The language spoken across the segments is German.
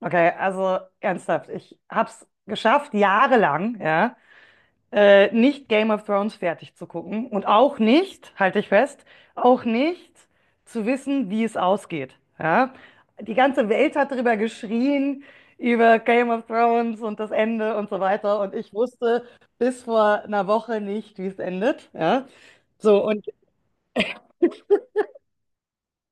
Okay, also ernsthaft, ich hab's geschafft, jahrelang, ja, nicht Game of Thrones fertig zu gucken und auch nicht, halte ich fest, auch nicht zu wissen, wie es ausgeht. Ja. Die ganze Welt hat darüber geschrien, über Game of Thrones und das Ende und so weiter und ich wusste bis vor einer Woche nicht, wie es endet. Ja. So, und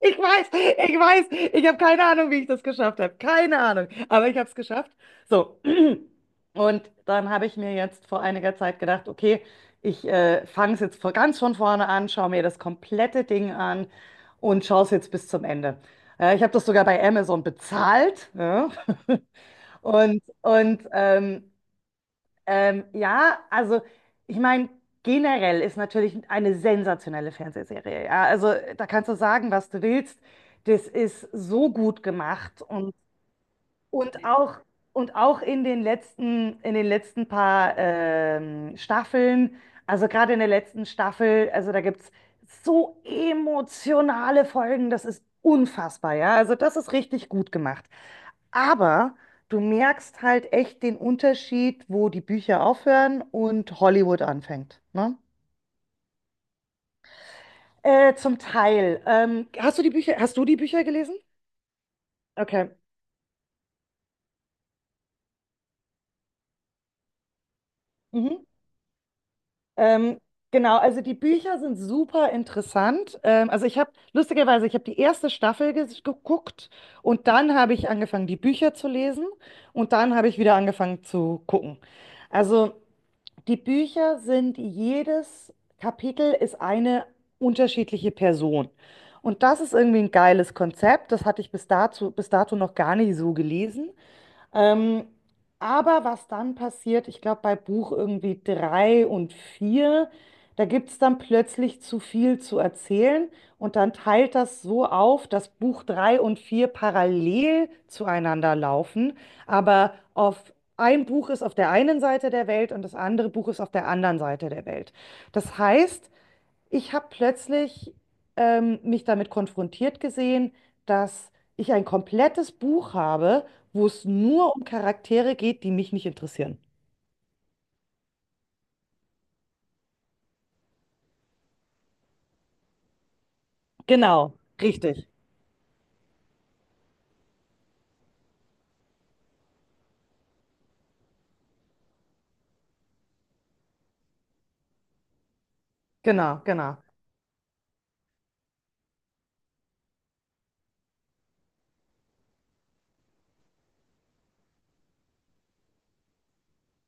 ich weiß, ich weiß, ich habe keine Ahnung, wie ich das geschafft habe, keine Ahnung, aber ich habe es geschafft. So. Und dann habe ich mir jetzt vor einiger Zeit gedacht, okay, ich fange es jetzt vor, ganz von vorne an, schaue mir das komplette Ding an und schaue es jetzt bis zum Ende. Ich habe das sogar bei Amazon bezahlt. Ja. Und ja, also ich meine, generell ist natürlich eine sensationelle Fernsehserie. Ja. Also da kannst du sagen, was du willst. Das ist so gut gemacht und und auch, und auch in den letzten paar Staffeln, also gerade in der letzten Staffel, also da gibt es so emotionale Folgen, das ist unfassbar, ja. Also das ist richtig gut gemacht. Aber du merkst halt echt den Unterschied, wo die Bücher aufhören und Hollywood anfängt, ne? Zum Teil. Ähm, hast du die Bücher gelesen? Okay. Mhm. Ähm, genau, also die Bücher sind super interessant. Also ich habe, lustigerweise, ich habe die erste Staffel geguckt und dann habe ich angefangen, die Bücher zu lesen und dann habe ich wieder angefangen zu gucken. Also die Bücher sind, jedes Kapitel ist eine unterschiedliche Person. Und das ist irgendwie ein geiles Konzept. Das hatte ich bis dato noch gar nicht so gelesen. Ähm, aber was dann passiert, ich glaube bei Buch irgendwie drei und vier, da gibt es dann plötzlich zu viel zu erzählen und dann teilt das so auf, dass Buch drei und vier parallel zueinander laufen, aber auf ein Buch ist auf der einen Seite der Welt und das andere Buch ist auf der anderen Seite der Welt. Das heißt, ich habe plötzlich mich damit konfrontiert gesehen, dass ich ein komplettes Buch habe, wo es nur um Charaktere geht, die mich nicht interessieren. Genau, richtig. Genau, genau.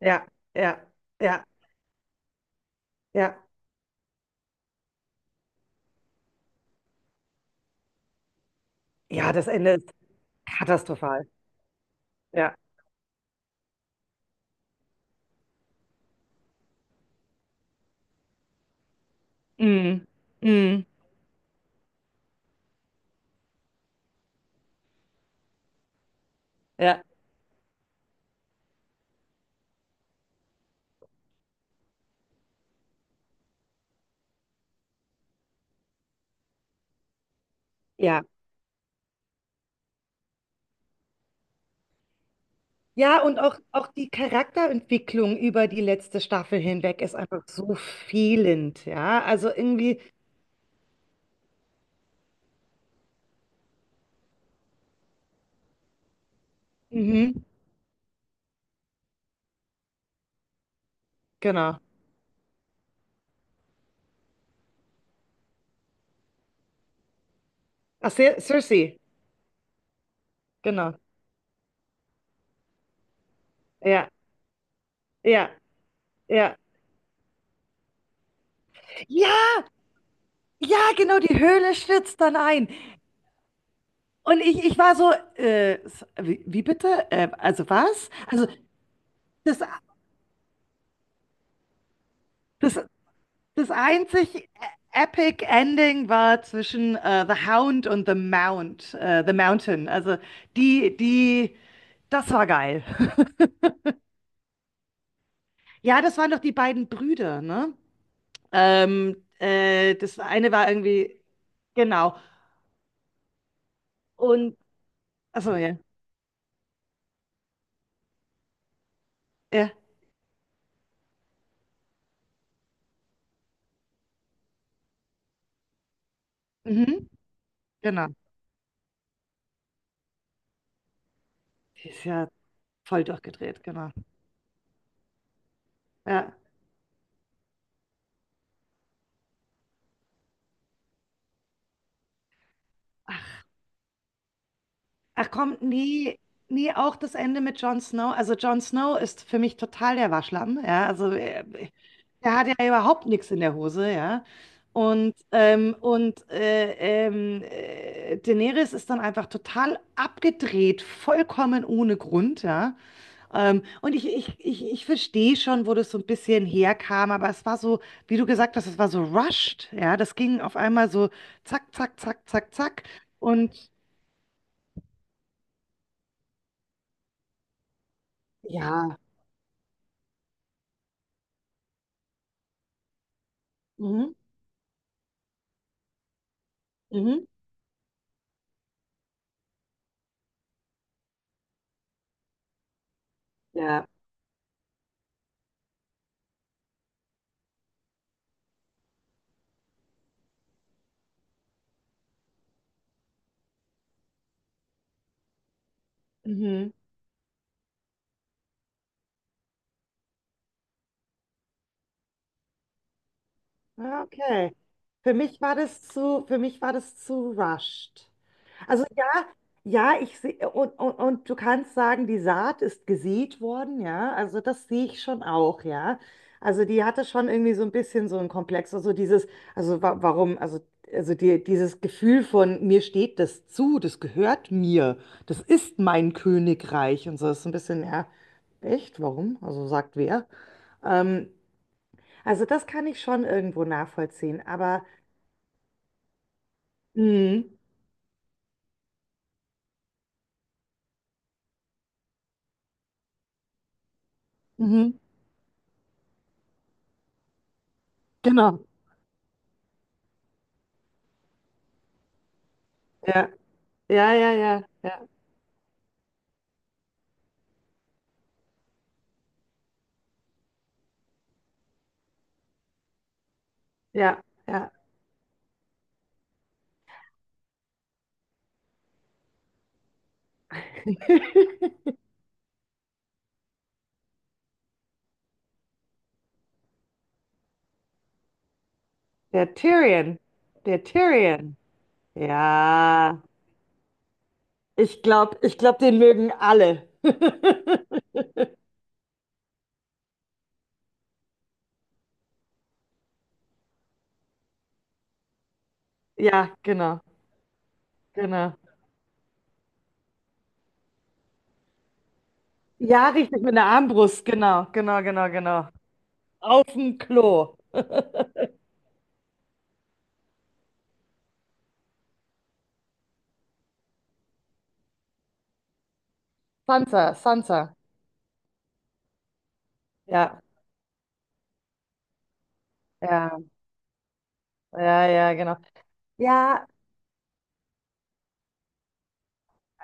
Ja, ja, ja, ja. Ja, das Ende ist katastrophal. Ja. Mm, mm. Ja, ja. Ja, und auch, auch die Charakterentwicklung über die letzte Staffel hinweg ist einfach so fehlend, ja. Also irgendwie, mhm, genau. Ach, Cersei. Genau. Ja, ja, ja. Ja, ja, genau, die Höhle stürzt dann ein. Und ich war so, wie, wie bitte? Also was? Also das, das, das einzig epic Ending war zwischen The Hound und The Mountain. Also die, die, das war geil. Ja, das waren doch die beiden Brüder, ne? Das eine war irgendwie, genau. Und, achso, ja. Ja, mhm, genau. Die ist ja voll durchgedreht, genau. Ja. Ach komm, nee, nee, auch das Ende mit Jon Snow. Also Jon Snow ist für mich total der Waschlappen, ja. Also der hat ja überhaupt nichts in der Hose, ja. Und Daenerys ist dann einfach total abgedreht, vollkommen ohne Grund, ja. Und ich verstehe schon, wo das so ein bisschen herkam, aber es war so, wie du gesagt hast, es war so rushed. Ja, das ging auf einmal so zack, zack, zack, zack, zack. Und ja, mhm, mhm, ja. Mhm. Ah, okay. Für mich war für mich war das zu rushed. Also ja, ja, ich sehe, und, und du kannst sagen, die Saat ist gesät worden, ja, also das sehe ich schon auch, ja. Also die hatte schon irgendwie so ein bisschen so ein Komplex, also dieses, also wa warum, also die, dieses Gefühl von, mir steht das zu, das gehört mir, das ist mein Königreich und so ist so ein bisschen, ja, echt, warum? Also sagt wer? Ähm, also das kann ich schon irgendwo nachvollziehen, aber, mh, mhm, genau, ja, ja, ja, ja. Ja. Ja, ja. Der Tyrion. Der Tyrion. Ja. Ich glaub, den mögen alle. Ja, genau, genau. Ja, richtig, mit einer Armbrust. Genau, genau, genau, genau. Auf dem Klo. Sansa, Sansa. Ja, ja, ja, ja, genau. Ja.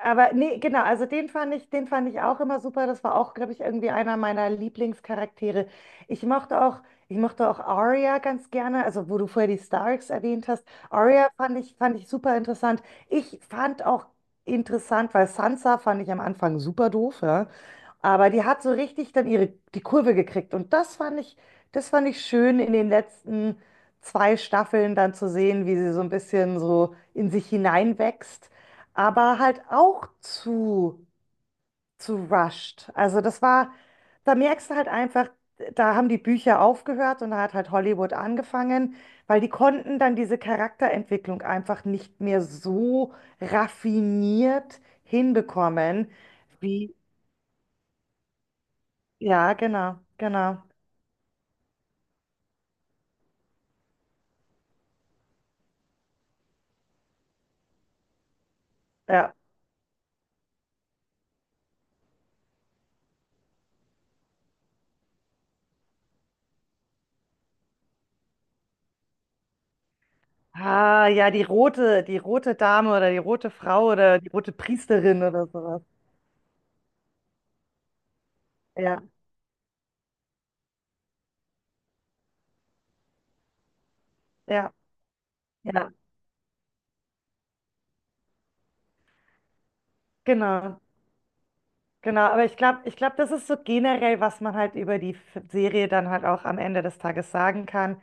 Aber nee, genau, also den fand ich auch immer super. Das war auch, glaube ich, irgendwie einer meiner Lieblingscharaktere. Ich mochte auch, ich mochte auch Arya ganz gerne, also wo du vorher die Starks erwähnt hast. Arya fand ich super interessant. Ich fand auch interessant, weil Sansa fand ich am Anfang super doof, ja. Aber die hat so richtig dann die Kurve gekriegt. Und das fand ich schön in den letzten zwei Staffeln dann zu sehen, wie sie so ein bisschen so in sich hineinwächst, aber halt auch zu rushed. Also das war, da merkst du halt einfach, da haben die Bücher aufgehört und da hat halt Hollywood angefangen, weil die konnten dann diese Charakterentwicklung einfach nicht mehr so raffiniert hinbekommen, wie, ja, genau, genau, ja. Ah, ja, die rote Dame oder die rote Frau oder die rote Priesterin oder sowas. Ja, ja, ja, genau. Genau, aber ich glaube, das ist so generell, was man halt über die Serie dann halt auch am Ende des Tages sagen kann.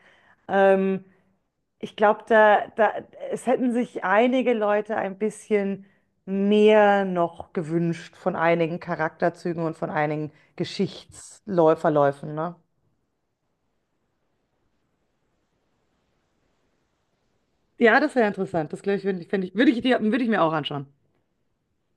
Ähm, ich glaube, es hätten sich einige Leute ein bisschen mehr noch gewünscht von einigen Charakterzügen und von einigen Geschichtsverläufen, ne? Ja, das wäre interessant. Das glaube ich, finde ich, find ich, würde ich mir auch anschauen.